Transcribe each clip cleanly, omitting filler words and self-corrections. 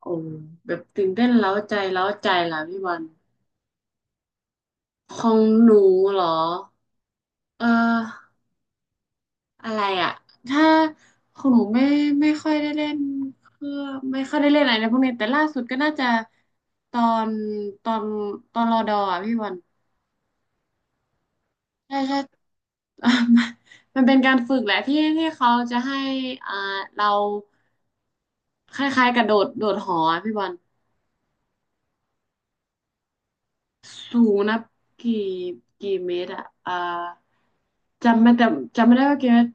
โอ้แบบตื่นเต้นเร้าใจเร้าใจล่ะพี่บอลของหนูเหรอเอ่ออะไรอ่ะถ้าของหนูไม่ค่อยได้เล่นเครื่องไม่ค่อยได้เล่นอะไรในพวกนี้แต่ล่าสุดก็น่าจะตอนตอนตอนรอดออ่ะพี่บอลใช่ใช่ มันเป็นการฝึกแหละที่ที่เขาจะให้อ่าเราคล้ายๆกระโดดโดดหออะพี่บอลสูงนะกี่กี่เมตรอะจำไม่แต่จำไม่ได้ว่ากี่เมตร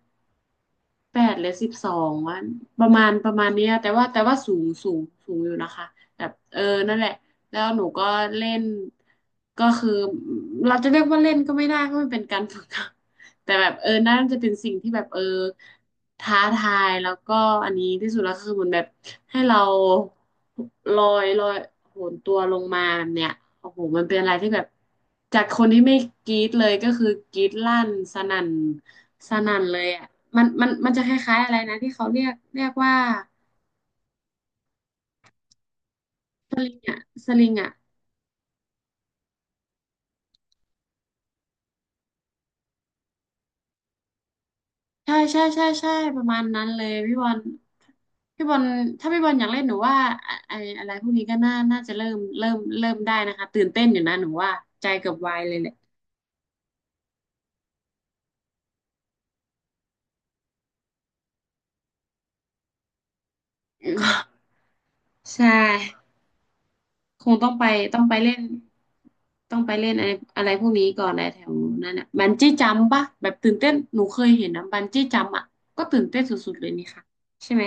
8 หรือ 12 วันประมาณเนี้ยแต่ว่าสูงสูงสูงอยู่นะคะแบบนั่นแหละแล้วหนูก็เล่นก็คือเราจะเรียกว่าเล่นก็ไม่ได้ก็มันเป็นการฝึก แต่แบบน่าจะเป็นสิ่งที่แบบท้าทายแล้วก็อันนี้ที่สุดแล้วคือเหมือนแบบให้เราลอยลอยโหนตัวลงมาแบบเนี้ยโอ้โหมันเป็นอะไรที่แบบจากคนที่ไม่กรี๊ดเลยก็คือกรี๊ดลั่นสนั่น สนั่นเลยอ่ะมันจะคล้ายๆอะไรนะที่เขาเรียกว่าสลิงอ่ะใช่ใช่ใช่ใช่ประมาณนั้นเลยพี่บอลพี่บอลถ้าพี่บอลอยากเล่นหนูว่าอะไออะไรพวกนี้ก็น่าน่าจะเริ่มได้นะคะตื่นเต้นอยู่นะหนูว่าใจเกือบวายเลยแหละ ใช่คงต้องไปต้องไปเล่นต้องไปเล่นอะไรอะไรพวกนี้ก่อนอะไรแถวนั้นอ่ะบันจี้จัมปะแบบตื่นเต้นหนูเคยเห็นนะบันจี้จัมอ่ะก็ตื่นเต้นสุดๆเลยนี่ค่ะใช่ไหม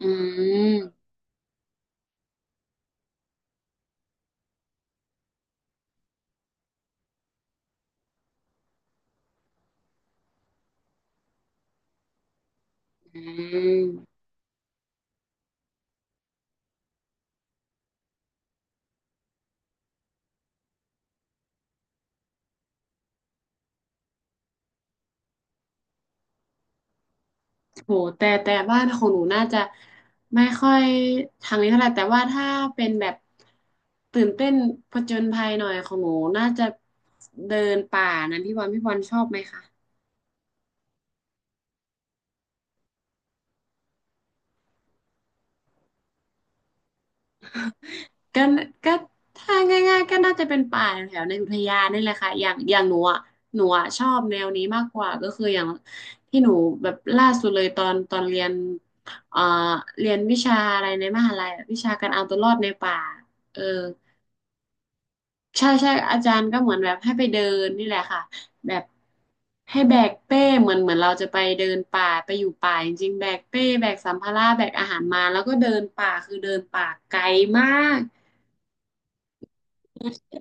อืม อืมโหแต่บ้านของหนูน่าจะไม่ค่อยทางนี้เท่าไหร่แต่ว่าถ้าเป็นแบบตื่นเต้นผจญภัยหน่อยของหนูน่าจะเดินป่านะพี่บอลพี่บอลชอบไหมคะก็ก็ถ้าง่ายๆก็น่าจะเป็นป่าแถวในอุทยานนี่แหละค่ะอย่างอย่างหนูอ่ะหนูอ่ะชอบแนวนี้มากกว่าก็คืออย่างที่หนูแบบล่าสุดเลยตอนเรียนเอ่อเรียนวิชาอะไรในมหาลัยอะวิชาการเอาตัวรอดในป่าเออ ใช่ใช่อาจารย์ก็เหมือนแบบให้ไปเดินนี่แหละค่ะแบบให้แบกเป้เหมือนเราจะไปเดินป่าไปอยู่ป่าจริงๆแบกเป้แบกสัมภาระแบกอาหารมาแล้วก็เดินป่าคือเดินป่าไกลมาก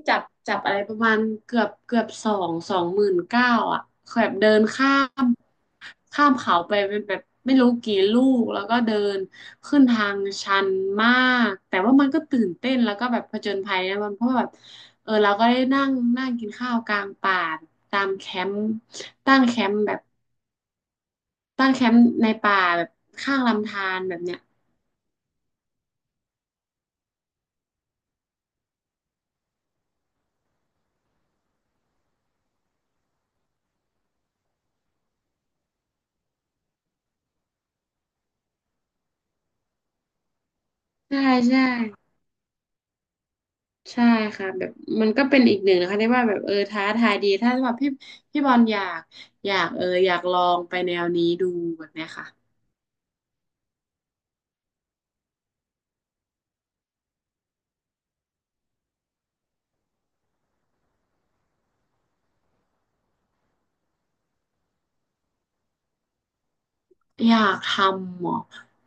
จับจับอะไรประมาณเกือบสองหมื่นเก้าอ่ะแบบเดินมข้ามเขาไปเป็นแบบไม่รู้กี่ลูกแล้วก็เดินขึ้นทางชันมากแต่ว่ามันก็ตื่นเต้นแล้วก็แบบผจญภัยนะมันเพราะว่าแบบเราก็ได้นั่งนั่งกินข้าวกลางป่าตามแคมป์ตั้งแคมป์แบบตั้งแคมป์ในป่าแบบข้างลำธารแบบเนี้ยใช่ใช่ ใช่ค่ะแบบมันก็เป็นอีกหนึ่งนะคะที่ว่าแบบท้าทายดีถ้าแบบพี่บอลอยากอยากลองไปแนวนี้ดูแบบเนี้ยค่ะอยากทำเหรอ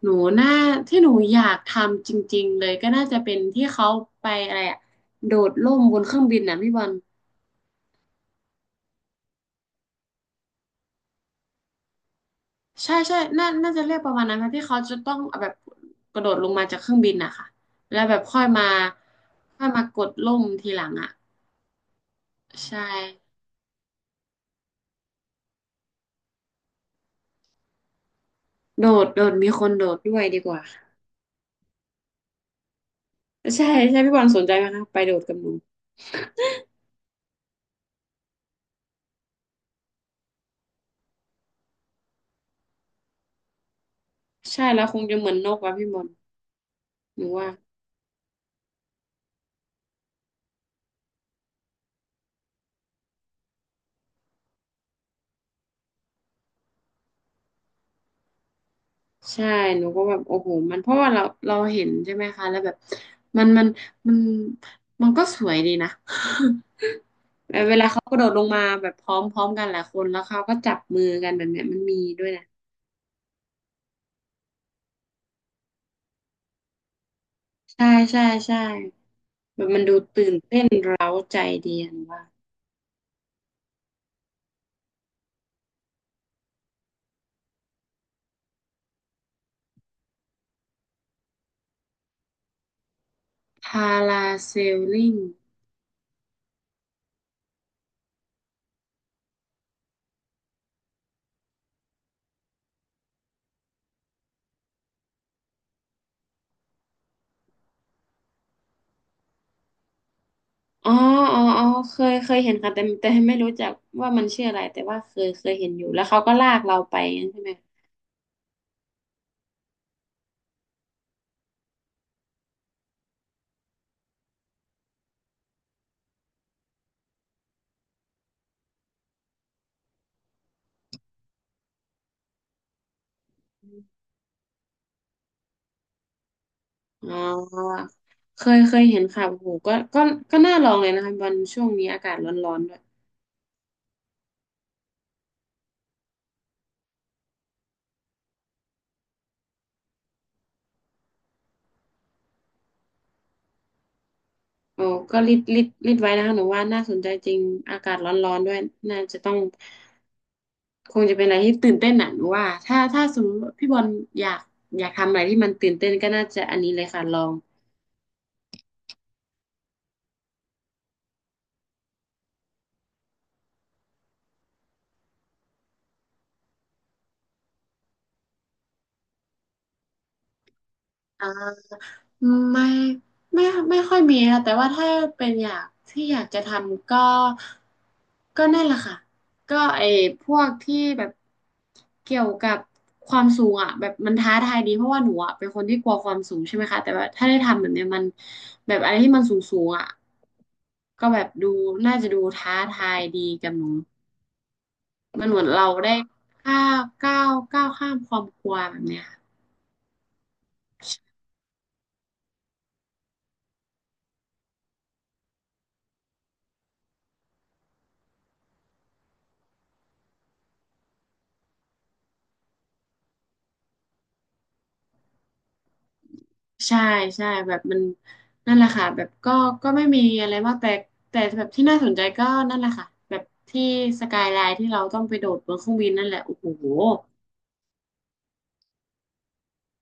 หนูน่าที่หนูอยากทำจริงๆเลยก็น่าจะเป็นที่เขาไปอะไรอะโดดร่มบนเครื่องบินนะพี่บอลใช่ใช่น่าน่าจะเรียกประมาณนั้นค่ะที่เขาจะต้องแบบกระโดดลงมาจากเครื่องบินนะคะแล้วแบบค่อยมากดร่มทีหลังอ่ะใช่โดดมีคนโดดด้วยดีกว่า ใช่ใช่พี่บอลสนใจไหมคะไปโดดกับหนูใช่แล้วคงจะเหมือนนกว่ะพี่บอลหนูว่าใช่หนูก็แบบโอ้โหมันเพราะว่าเราเราเห็นใช่ไหมคะแล้วแบบมันมันมันมันก็สวยดีนะ แบบเวลาเขากระโดดลงมาแบบพร้อมพร้อมกันหลายคนแล้วเขาก็จับมือกันแบบเนี้ยมันมีด้วยนะใช่ใช่ใช่แบบมันดูตื่นเต้นเร้าใจดียหนูว่าพาราเซลลิง อ๋ออ๋ออ๋อเคยเห็นค่ะแต่ไม่รู้จักว่ามันชื่ออะไรแต่ว่าเคยเห็นอยู่แล้วเขาก็ลากเราไปงั้นใช่ไหมอ๋อเคยเห็นค่ะโอ้โหก็ก็น่าลองเลยนะคะวันช่วงนี้อากาศร้อนๆด้วยโอ้ก็รีดไว้นะคะหนูว่าน่าสนใจจริงอากาศร้อนๆด้วยน่าจะต้องคงจะเป็นอะไรที่ตื่นเต้นหนะหนูว่าถ้าสมมติว่าพี่บอลอยากอยากทำอะไรที่มันตื่นเต้นก็น่าจะอันนี้เลยค่ะลองอ่า ไม่ไม่ไม่ค่อยมีค่ะแต่ว่าถ้าเป็นอยากที่อยากจะทำก็ก็นั่นแหละค่ะก็ไอ้พวกที่แบบเกี่ยวกับความสูงอ่ะแบบมันท้าทายดีเพราะว่าหนูอ่ะเป็นคนที่กลัวความสูงใช่ไหมคะแต่ว่าถ้าได้ทำแบบเนี้ยมันแบบอะไรที่มันสูงสูงอ่ะก็แบบดูน่าจะดูท้าทายดีกับหนูมันเหมือนเราได้ก้าวข้ามความกลัวแบบเนี้ย ใช่ใช่แบบมันนั่นแหละค่ะแบบก็ก็ไม่มีอะไรมากแต่แบบที่น่าสนใจก็นั่นแหละค่ะแบบที่สกายไลน์ที่เราต้องไปโดดบนเครื่องบินนั่นแหละโอ้โห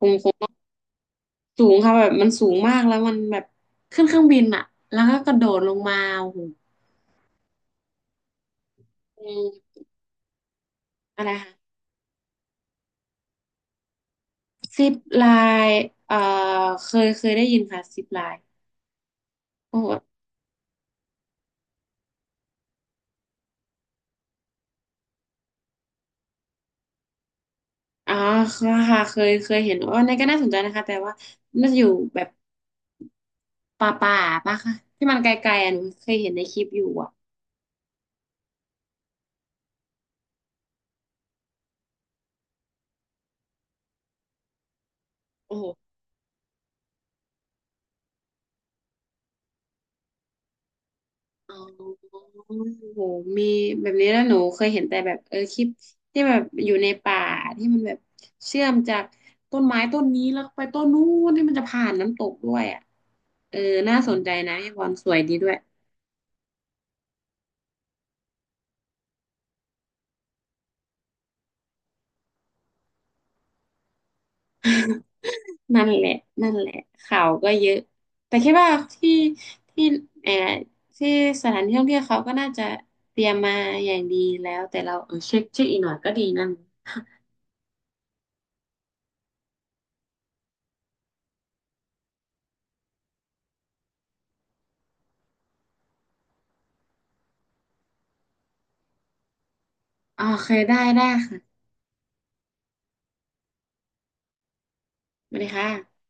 คงคงสูงค่ะแบบมันสูงมากแล้วมันแบบขึ้นเครื่องบินอะแล้วก็กระโดดลงมาโอ้โหอืมอะไรค่ะซิปไลน์เอ่อเคยได้ยินค่ะซิปไลน์โอ้อ๋อค่ะเคยเห็นว่าในก็น่าสนใจนะคะแต่ว่าน่าจะอยู่แบบ ป่าป่ะคะที่มันไกลๆอ่ะหนูเคยเห็นในคลิปอยู่อ่ะโอ้โหอ๋อโอ้โหมีแบบนี้แล้วหนูเคยเห็นแต่แบบเออคลิปที่แบบอยู่ในป่าที่มันแบบเชื่อมจากต้นไม้ต้นนี้แล้วไปต้นนู้นที่มันจะผ่านน้ำตกด้วยอ่ะเออน่าสนใจนะพี่บอลสวยดีด้วยนั่นแหละนั่นแหละข่าวก็เยอะแต่คิดว่าที่เออที่สถานที่ท่องเที่ยวเขาก็น่าจะเตรียมมาอย่างดีแล้วแต่เราเออเช็คอีกหน่อยก็ดีนั่น โอเคได้ค่ะสวัสดีค่ะ